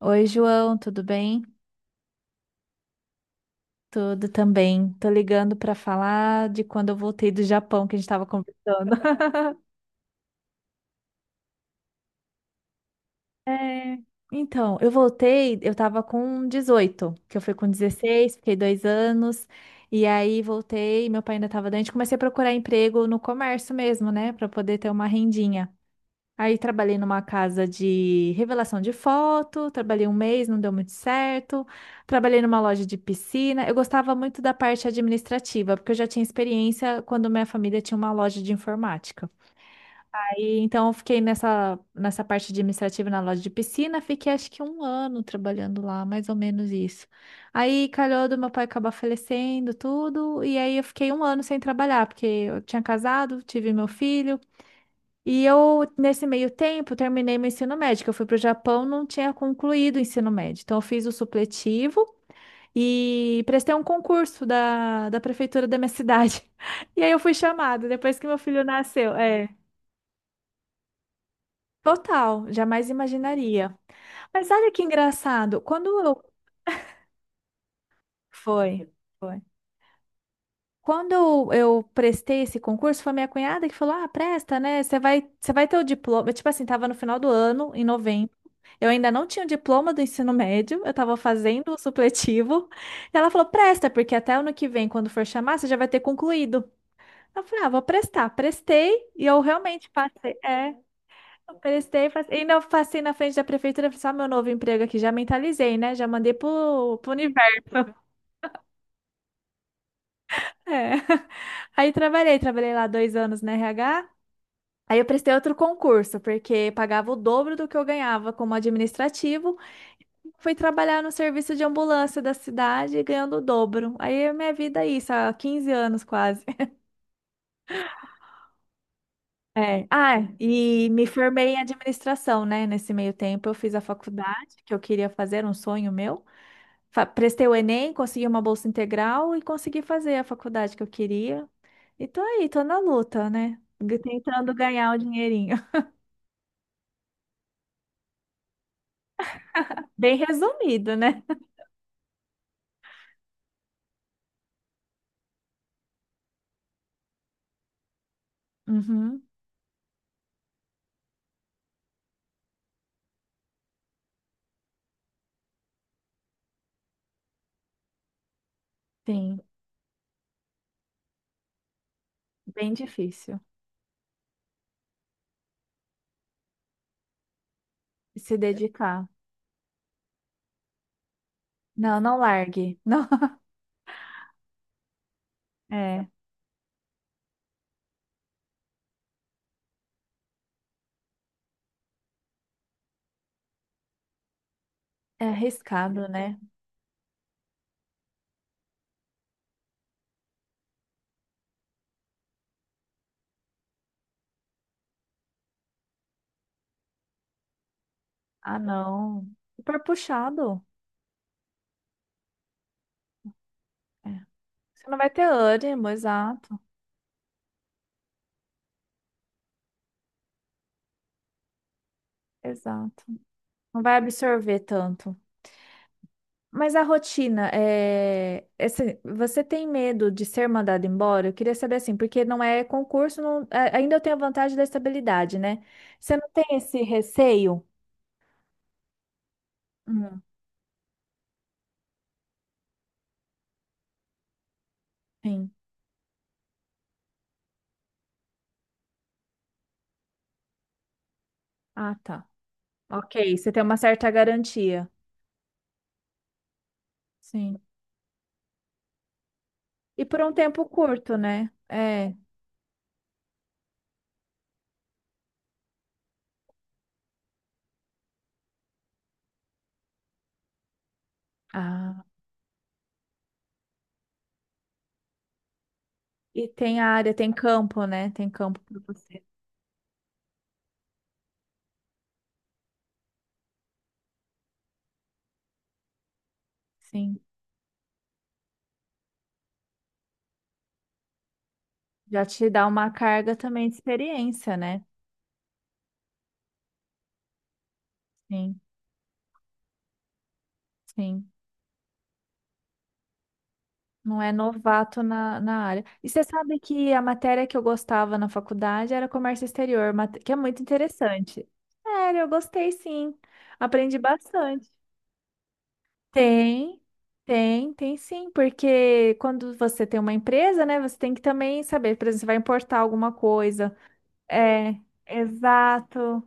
Oi, João, tudo bem? Tudo também. Tô ligando para falar de quando eu voltei do Japão que a gente estava conversando. É, então, eu voltei, eu tava com 18, que eu fui com 16, fiquei 2 anos, e aí voltei, meu pai ainda tava doente, comecei a procurar emprego no comércio mesmo, né, para poder ter uma rendinha. Aí trabalhei numa casa de revelação de foto, trabalhei um mês, não deu muito certo. Trabalhei numa loja de piscina. Eu gostava muito da parte administrativa, porque eu já tinha experiência quando minha família tinha uma loja de informática. Aí, então eu fiquei nessa parte administrativa na loja de piscina, fiquei acho que um ano trabalhando lá, mais ou menos isso. Aí calhou do meu pai acabar falecendo, tudo, e aí eu fiquei um ano sem trabalhar, porque eu tinha casado, tive meu filho. E eu, nesse meio tempo, terminei meu ensino médio, que eu fui para o Japão, não tinha concluído o ensino médio. Então, eu fiz o supletivo e prestei um concurso da prefeitura da minha cidade. E aí eu fui chamada, depois que meu filho nasceu. É, total, jamais imaginaria. Mas olha que engraçado, quando eu... Foi, foi. Quando eu prestei esse concurso, foi minha cunhada que falou: Ah, presta, né? Você vai ter o diploma. Tipo assim, tava no final do ano, em novembro. Eu ainda não tinha o diploma do ensino médio, eu tava fazendo o supletivo. E ela falou: Presta, porque até ano que vem, quando for chamar, você já vai ter concluído. Eu falei: Ah, vou prestar. Prestei e eu realmente passei. É, eu prestei, passei. Ainda eu passei na frente da prefeitura e falei: Só meu novo emprego aqui, já mentalizei, né? Já mandei pro universo. É. Aí trabalhei, trabalhei lá 2 anos na RH. Aí eu prestei outro concurso, porque pagava o dobro do que eu ganhava como administrativo. Fui trabalhar no serviço de ambulância da cidade, ganhando o dobro. Aí a minha vida é isso, há 15 anos quase. É. Ah, e me formei em administração, né? Nesse meio tempo eu fiz a faculdade que eu queria fazer, um sonho meu. Prestei o Enem, consegui uma bolsa integral e consegui fazer a faculdade que eu queria. E tô aí, tô na luta, né? Tentando ganhar o dinheirinho. Bem resumido, né? Uhum, sim. Bem difícil se dedicar. Não, não largue. Não. É, é arriscado, né? Ah, não. Super puxado. É. Você não vai ter ânimo, exato. Exato. Não vai absorver tanto. Mas a rotina, é... você tem medo de ser mandado embora? Eu queria saber assim, porque não é concurso, ainda eu tenho a vantagem da estabilidade, né? Você não tem esse receio? Hum, sim. Ah, tá. Ok, você tem uma certa garantia. Sim. E por um tempo curto, né? É. Ah, e tem área, tem campo, né? Tem campo para você. Sim. Já te dá uma carga também de experiência, né? Sim, sim. Não é novato na área. E você sabe que a matéria que eu gostava na faculdade era comércio exterior, que é muito interessante. Sério, eu gostei sim. Aprendi bastante. Tem, tem, tem sim, porque quando você tem uma empresa, né, você tem que também saber, por exemplo, você vai importar alguma coisa. É, exato.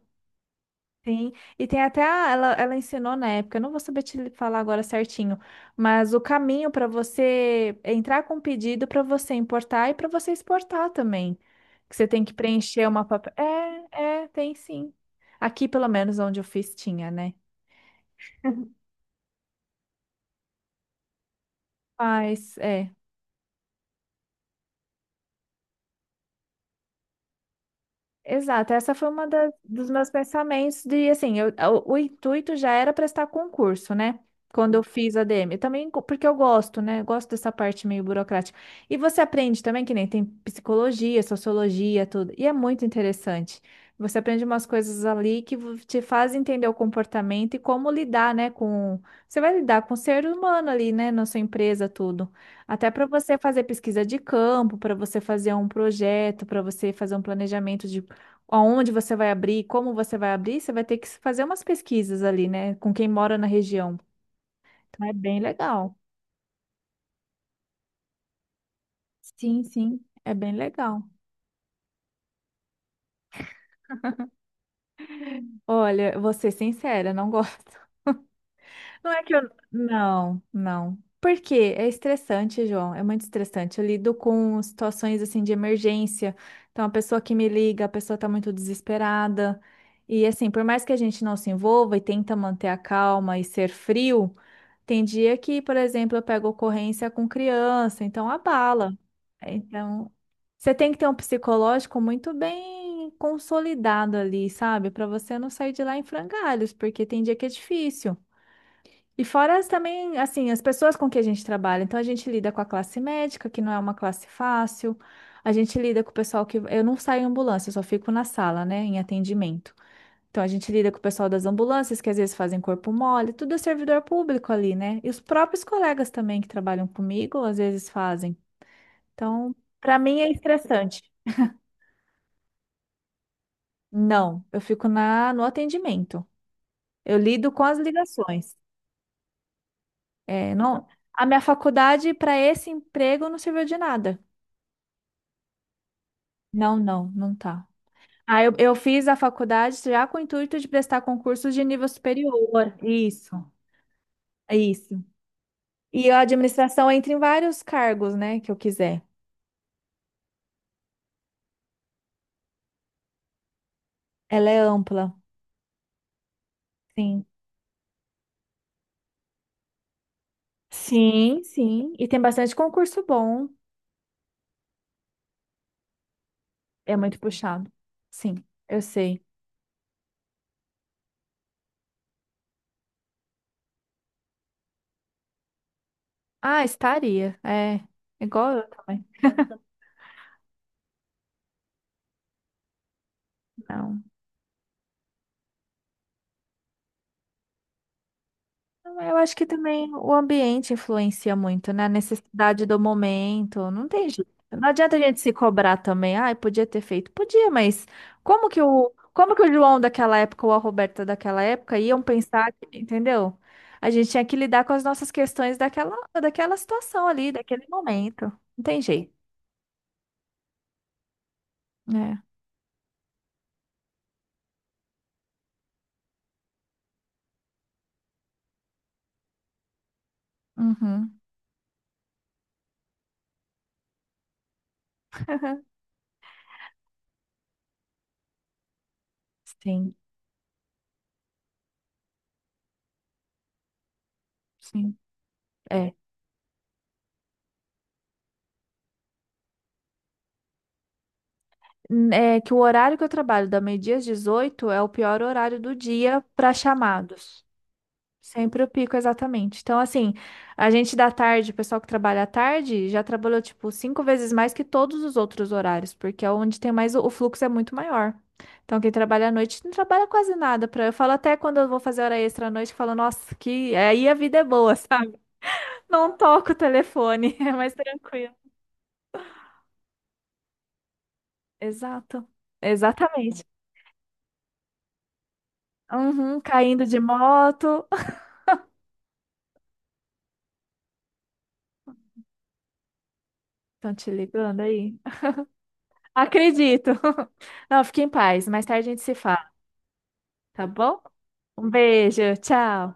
Sim. E tem até ela, ela ensinou na época, eu não vou saber te falar agora certinho, mas o caminho para você entrar com pedido para você importar e para você exportar também. Que você tem que preencher uma papel. É, é, tem sim. Aqui, pelo menos onde eu fiz, tinha, né? Mas, é. Exato, essa foi uma dos meus pensamentos de assim, o intuito já era prestar concurso, né? Quando eu fiz a DM, eu também porque eu gosto, né? Eu gosto dessa parte meio burocrática. E você aprende também que nem tem psicologia, sociologia, tudo. E é muito interessante. Você aprende umas coisas ali que te faz entender o comportamento e como lidar, né, com você vai lidar com o ser humano ali, né, na sua empresa, tudo. Até para você fazer pesquisa de campo, para você fazer um projeto, para você fazer um planejamento de aonde você vai abrir, como você vai abrir, você vai ter que fazer umas pesquisas ali, né, com quem mora na região. Então é bem legal. Sim, sim, é bem legal. Olha, eu vou ser sincera, não gosto. Não é que eu. Não, não. Por quê? É estressante, João. É muito estressante. Eu lido com situações assim de emergência. Então, a pessoa que me liga, a pessoa tá muito desesperada. E assim, por mais que a gente não se envolva e tenta manter a calma e ser frio. Tem dia que, por exemplo, eu pego ocorrência com criança, então abala. É, então, você tem que ter um psicológico muito bem consolidado ali, sabe? Para você não sair de lá em frangalhos, porque tem dia que é difícil. E fora as também, assim, as pessoas com que a gente trabalha. Então, a gente lida com a classe médica, que não é uma classe fácil. A gente lida com o pessoal que. Eu não saio em ambulância, eu só fico na sala, né, em atendimento. Então a gente lida com o pessoal das ambulâncias, que às vezes fazem corpo mole, tudo é servidor público ali, né? E os próprios colegas também que trabalham comigo, às vezes fazem. Então, para mim é estressante. Não, eu fico no atendimento. Eu lido com as ligações. É, não, a minha faculdade para esse emprego não serviu de nada. Não, não, não tá. Ah, eu fiz a faculdade já com o intuito de prestar concursos de nível superior. Isso, isso. E a administração entra em vários cargos, né, que eu quiser. Ela é ampla, sim. Sim, sim. E tem bastante concurso bom. É muito puxado. Sim, eu sei. Ah, estaria. É. Igual eu também. Não. Eu acho que também o ambiente influencia muito, né? A necessidade do momento. Não tem jeito. Não adianta a gente se cobrar também. Ai, podia ter feito. Podia, mas como que como que o João daquela época ou a Roberta daquela época iam pensar, entendeu? A gente tinha que lidar com as nossas questões daquela situação ali, daquele momento. Não tem jeito. Né. Uhum. Sim, sim. É. É que o horário que eu trabalho, da meio-dia às 18, é o pior horário do dia para chamados. Sempre o pico, exatamente. Então, assim, a gente da tarde, o pessoal que trabalha à tarde, já trabalhou, tipo, 5 vezes mais que todos os outros horários, porque é onde tem mais, o fluxo é muito maior. Então, quem trabalha à noite não trabalha quase nada. Pra... Eu falo até quando eu vou fazer hora extra à noite, eu falo, nossa, que aí a vida é boa, sabe? Não toco o telefone, é mais tranquilo. Exato. Exatamente. Uhum, caindo de moto. Estão te ligando aí? Acredito. Não, fique em paz. Mais tarde a gente se fala. Tá bom? Um beijo, tchau.